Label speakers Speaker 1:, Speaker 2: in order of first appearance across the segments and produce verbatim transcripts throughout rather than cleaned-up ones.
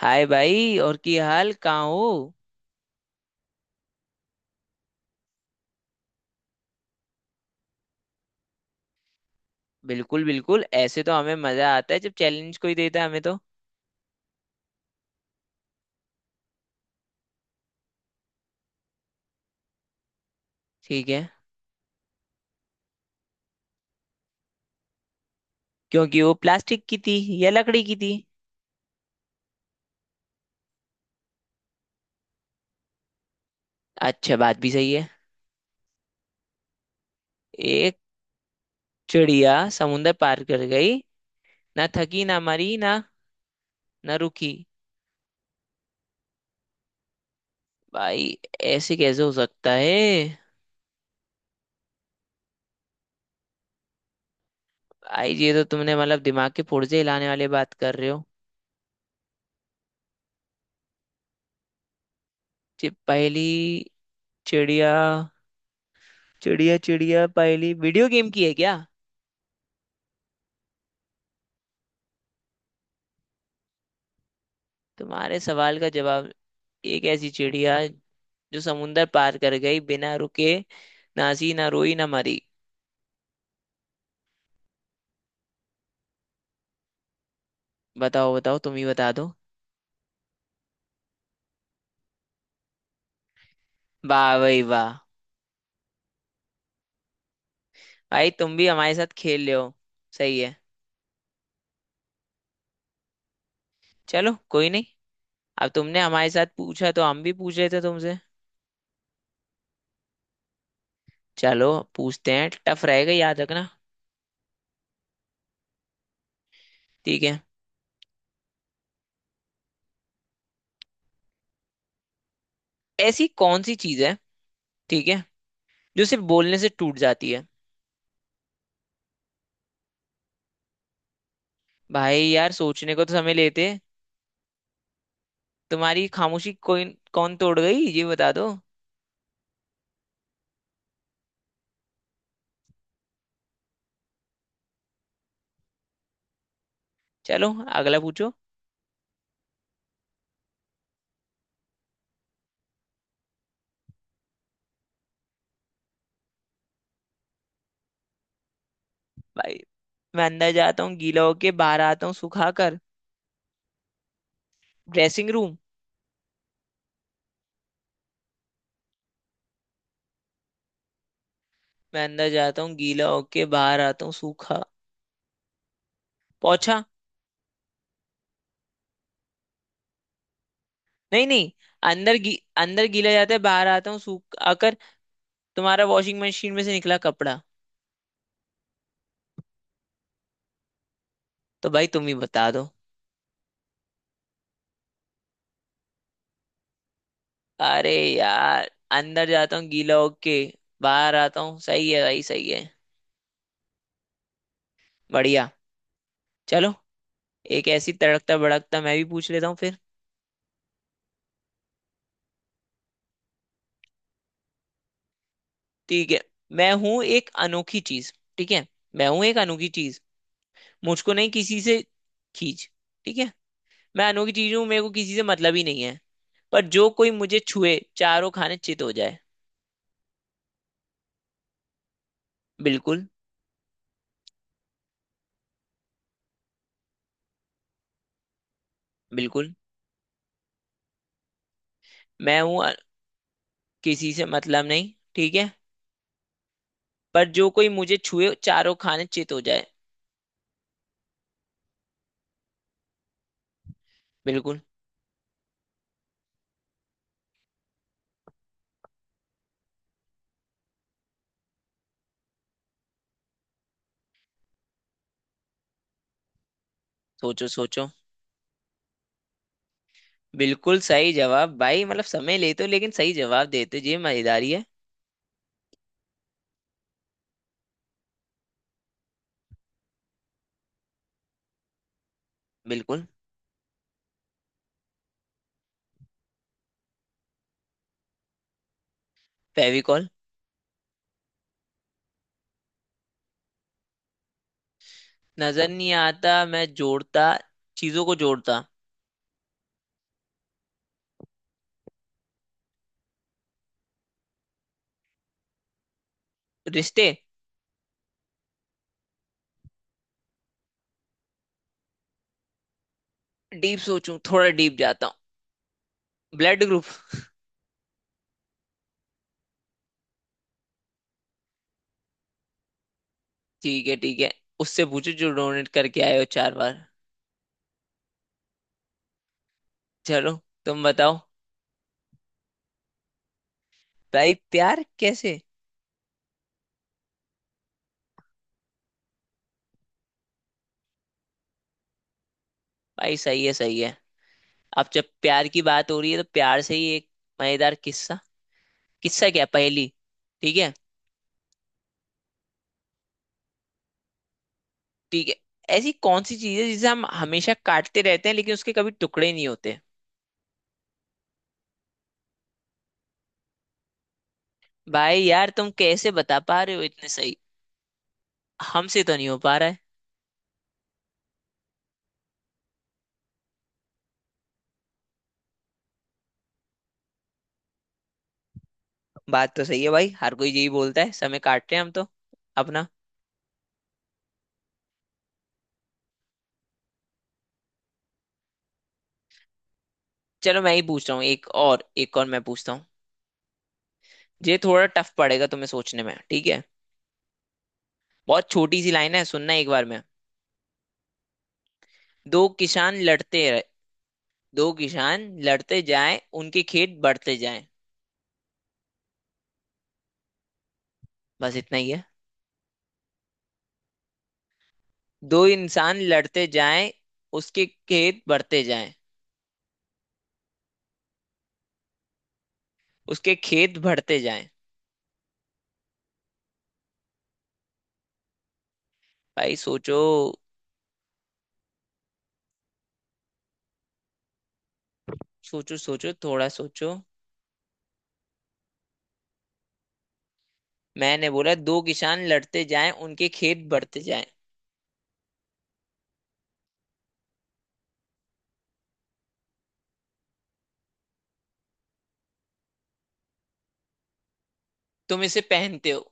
Speaker 1: हाय भाई। और की हाल कहाँ हो। बिल्कुल बिल्कुल, ऐसे तो हमें मजा आता है जब चैलेंज कोई देता है हमें तो। ठीक है। क्योंकि वो प्लास्टिक की थी या लकड़ी की थी। अच्छा, बात भी सही है। एक चिड़िया समुंदर पार कर गई, ना थकी ना मरी ना ना रुकी। भाई ऐसे कैसे हो सकता है। भाई ये तो तुमने मतलब दिमाग के पुर्जे हिलाने वाले बात कर रहे हो। ये पहली चिड़िया चिड़िया चिड़िया पहली वीडियो गेम की है क्या। तुम्हारे सवाल का जवाब, एक ऐसी चिड़िया जो समुंदर पार कर गई बिना रुके, नासी ना रोई ना मरी। बताओ बताओ, तुम ही बता दो। वाह भाई वाह। भाई तुम भी हमारे साथ खेल रहे हो। सही है। चलो कोई नहीं। अब तुमने हमारे साथ पूछा तो हम भी पूछ रहे थे तुमसे। चलो पूछते हैं, टफ रहेगा याद रखना। ठीक है, ऐसी कौन सी चीज है, ठीक है, जो सिर्फ बोलने से टूट जाती है। भाई यार सोचने को तो समय लेते। तुम्हारी खामोशी कोई कौन तोड़ गई ये बता दो। चलो अगला पूछो। भाई मैं अंदर जाता हूँ गीला होके, बाहर आता हूँ सूखा कर। Dressing room. मैं अंदर जाता हूँ गीला होके, बाहर आता हूँ सूखा। पोछा। नहीं नहीं। अंदर गी, अंदर गीला जाता है बाहर आता हूँ सूखा कर। तुम्हारा वॉशिंग मशीन में से निकला कपड़ा। तो भाई तुम ही बता दो। अरे यार अंदर जाता हूँ गीला होके बाहर आता हूँ, सही है भाई सही है। बढ़िया। चलो, एक ऐसी तड़कता भड़कता मैं भी पूछ लेता हूँ फिर। ठीक है, मैं हूँ एक अनोखी चीज। ठीक है, मैं हूँ एक अनोखी चीज, मुझको नहीं किसी से खींच। ठीक है, मैं अनोखी चीज हूँ, मेरे को किसी से मतलब ही नहीं है, पर जो कोई मुझे छुए चारों खाने चित हो जाए। बिल्कुल। बिल्कुल। मैं हूँ अ- किसी से मतलब नहीं, ठीक है, पर जो कोई मुझे छुए चारों खाने चित हो जाए। बिल्कुल। सोचो सोचो। बिल्कुल सही जवाब भाई, मतलब समय लेते हो लेकिन सही जवाब देते हो, ये मजेदारी है। बिल्कुल। फेविकॉल। नजर नहीं आता, मैं जोड़ता, चीजों को जोड़ता। रिश्ते। डीप सोचूं, थोड़ा डीप जाता हूँ, ब्लड ग्रुप। ठीक है ठीक है, उससे पूछो जो डोनेट करके आए हो चार बार। चलो तुम बताओ। भाई प्यार कैसे। भाई सही है सही है। अब जब प्यार की बात हो रही है तो प्यार से ही एक मजेदार किस्सा, किस्सा क्या पहेली। ठीक है। ठीक है, ऐसी कौन सी चीज है जिसे हम हमेशा काटते रहते हैं लेकिन उसके कभी टुकड़े नहीं होते। भाई यार तुम कैसे बता पा रहे हो इतने सही, हमसे तो नहीं हो पा रहा है। बात तो सही है भाई, हर कोई यही बोलता है समय काट रहे हैं हम तो अपना। चलो मैं ही पूछ रहा हूँ, एक और एक और मैं पूछता हूँ। ये थोड़ा टफ पड़ेगा तुम्हें सोचने में, ठीक है। बहुत छोटी सी लाइन है, सुनना एक बार में। दो किसान लड़ते रहे, दो किसान लड़ते जाएं उनके खेत बढ़ते जाएं। बस इतना ही है। दो इंसान लड़ते जाएं, उसके खेत बढ़ते जाएं, उसके खेत बढ़ते जाएं। भाई सोचो। सोचो, सोचो थोड़ा सोचो। मैंने बोला दो किसान लड़ते जाएं उनके खेत बढ़ते जाएं। तुम इसे पहनते हो।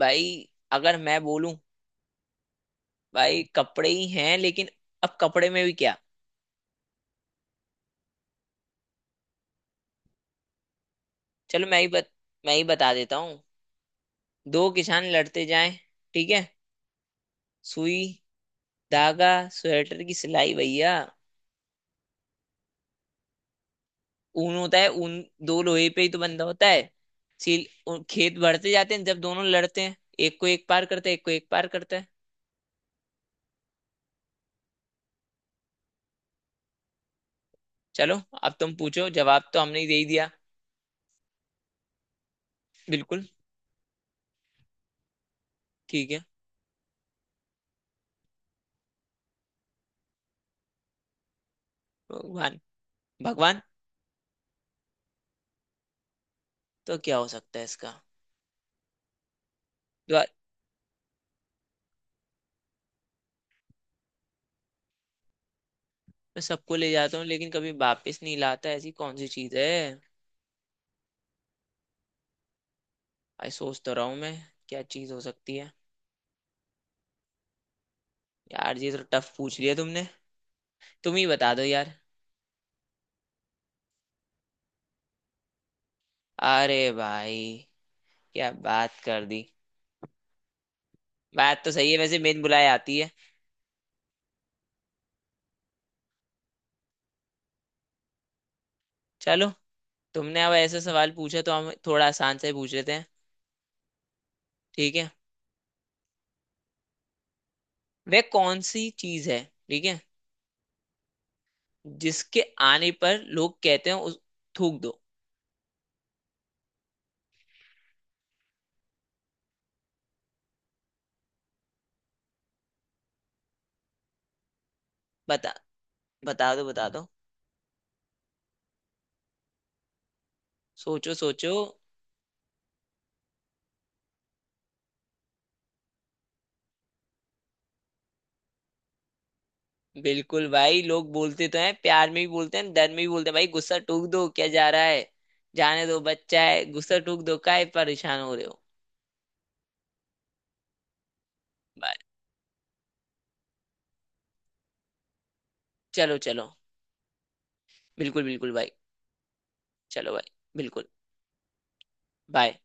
Speaker 1: भाई अगर मैं बोलूं, भाई कपड़े ही हैं लेकिन अब कपड़े में भी क्या। चलो मैं ही बत, मैं ही बता देता हूँ। दो किसान लड़ते जाएं, ठीक है, सुई, धागा, स्वेटर की सिलाई भैया। ऊन होता है, ऊन दो लोहे पे ही तो बंधा होता है। सील। उ- खेत बढ़ते जाते हैं जब दोनों लड़ते हैं, एक को एक पार करता है एक को एक पार करता है। चलो, अब तुम पूछो, जवाब तो हमने ही दे ही दिया। बिल्कुल। ठीक है। भगवान। भगवान। तो क्या हो सकता है इसका। द्वार। मैं सबको ले जाता हूँ लेकिन कभी वापस नहीं लाता, ऐसी कौन सी चीज है। आई सोच तो रहा हूँ मैं, क्या चीज हो सकती है। यार ये तो टफ पूछ लिया तुमने, तुम ही बता दो यार। अरे भाई क्या बात कर दी। बात तो सही है, वैसे मेन बुलाए आती है। चलो, तुमने अब ऐसे सवाल पूछा तो हम थोड़ा आसान से पूछ लेते हैं। ठीक है, वह कौन सी चीज है, ठीक है, जिसके आने पर लोग कहते हैं उस थूक दो। बता, बता दो बता दो। सोचो सोचो। बिल्कुल भाई, लोग बोलते तो हैं, प्यार में भी बोलते हैं, डर में भी बोलते हैं, भाई गुस्सा टूक दो, क्या जा रहा है, जाने दो बच्चा है, गुस्सा टूक दो, काहे परेशान हो रहे हो। बाय। चलो चलो। बिल्कुल बिल्कुल भाई। चलो भाई। बिल्कुल। बाय।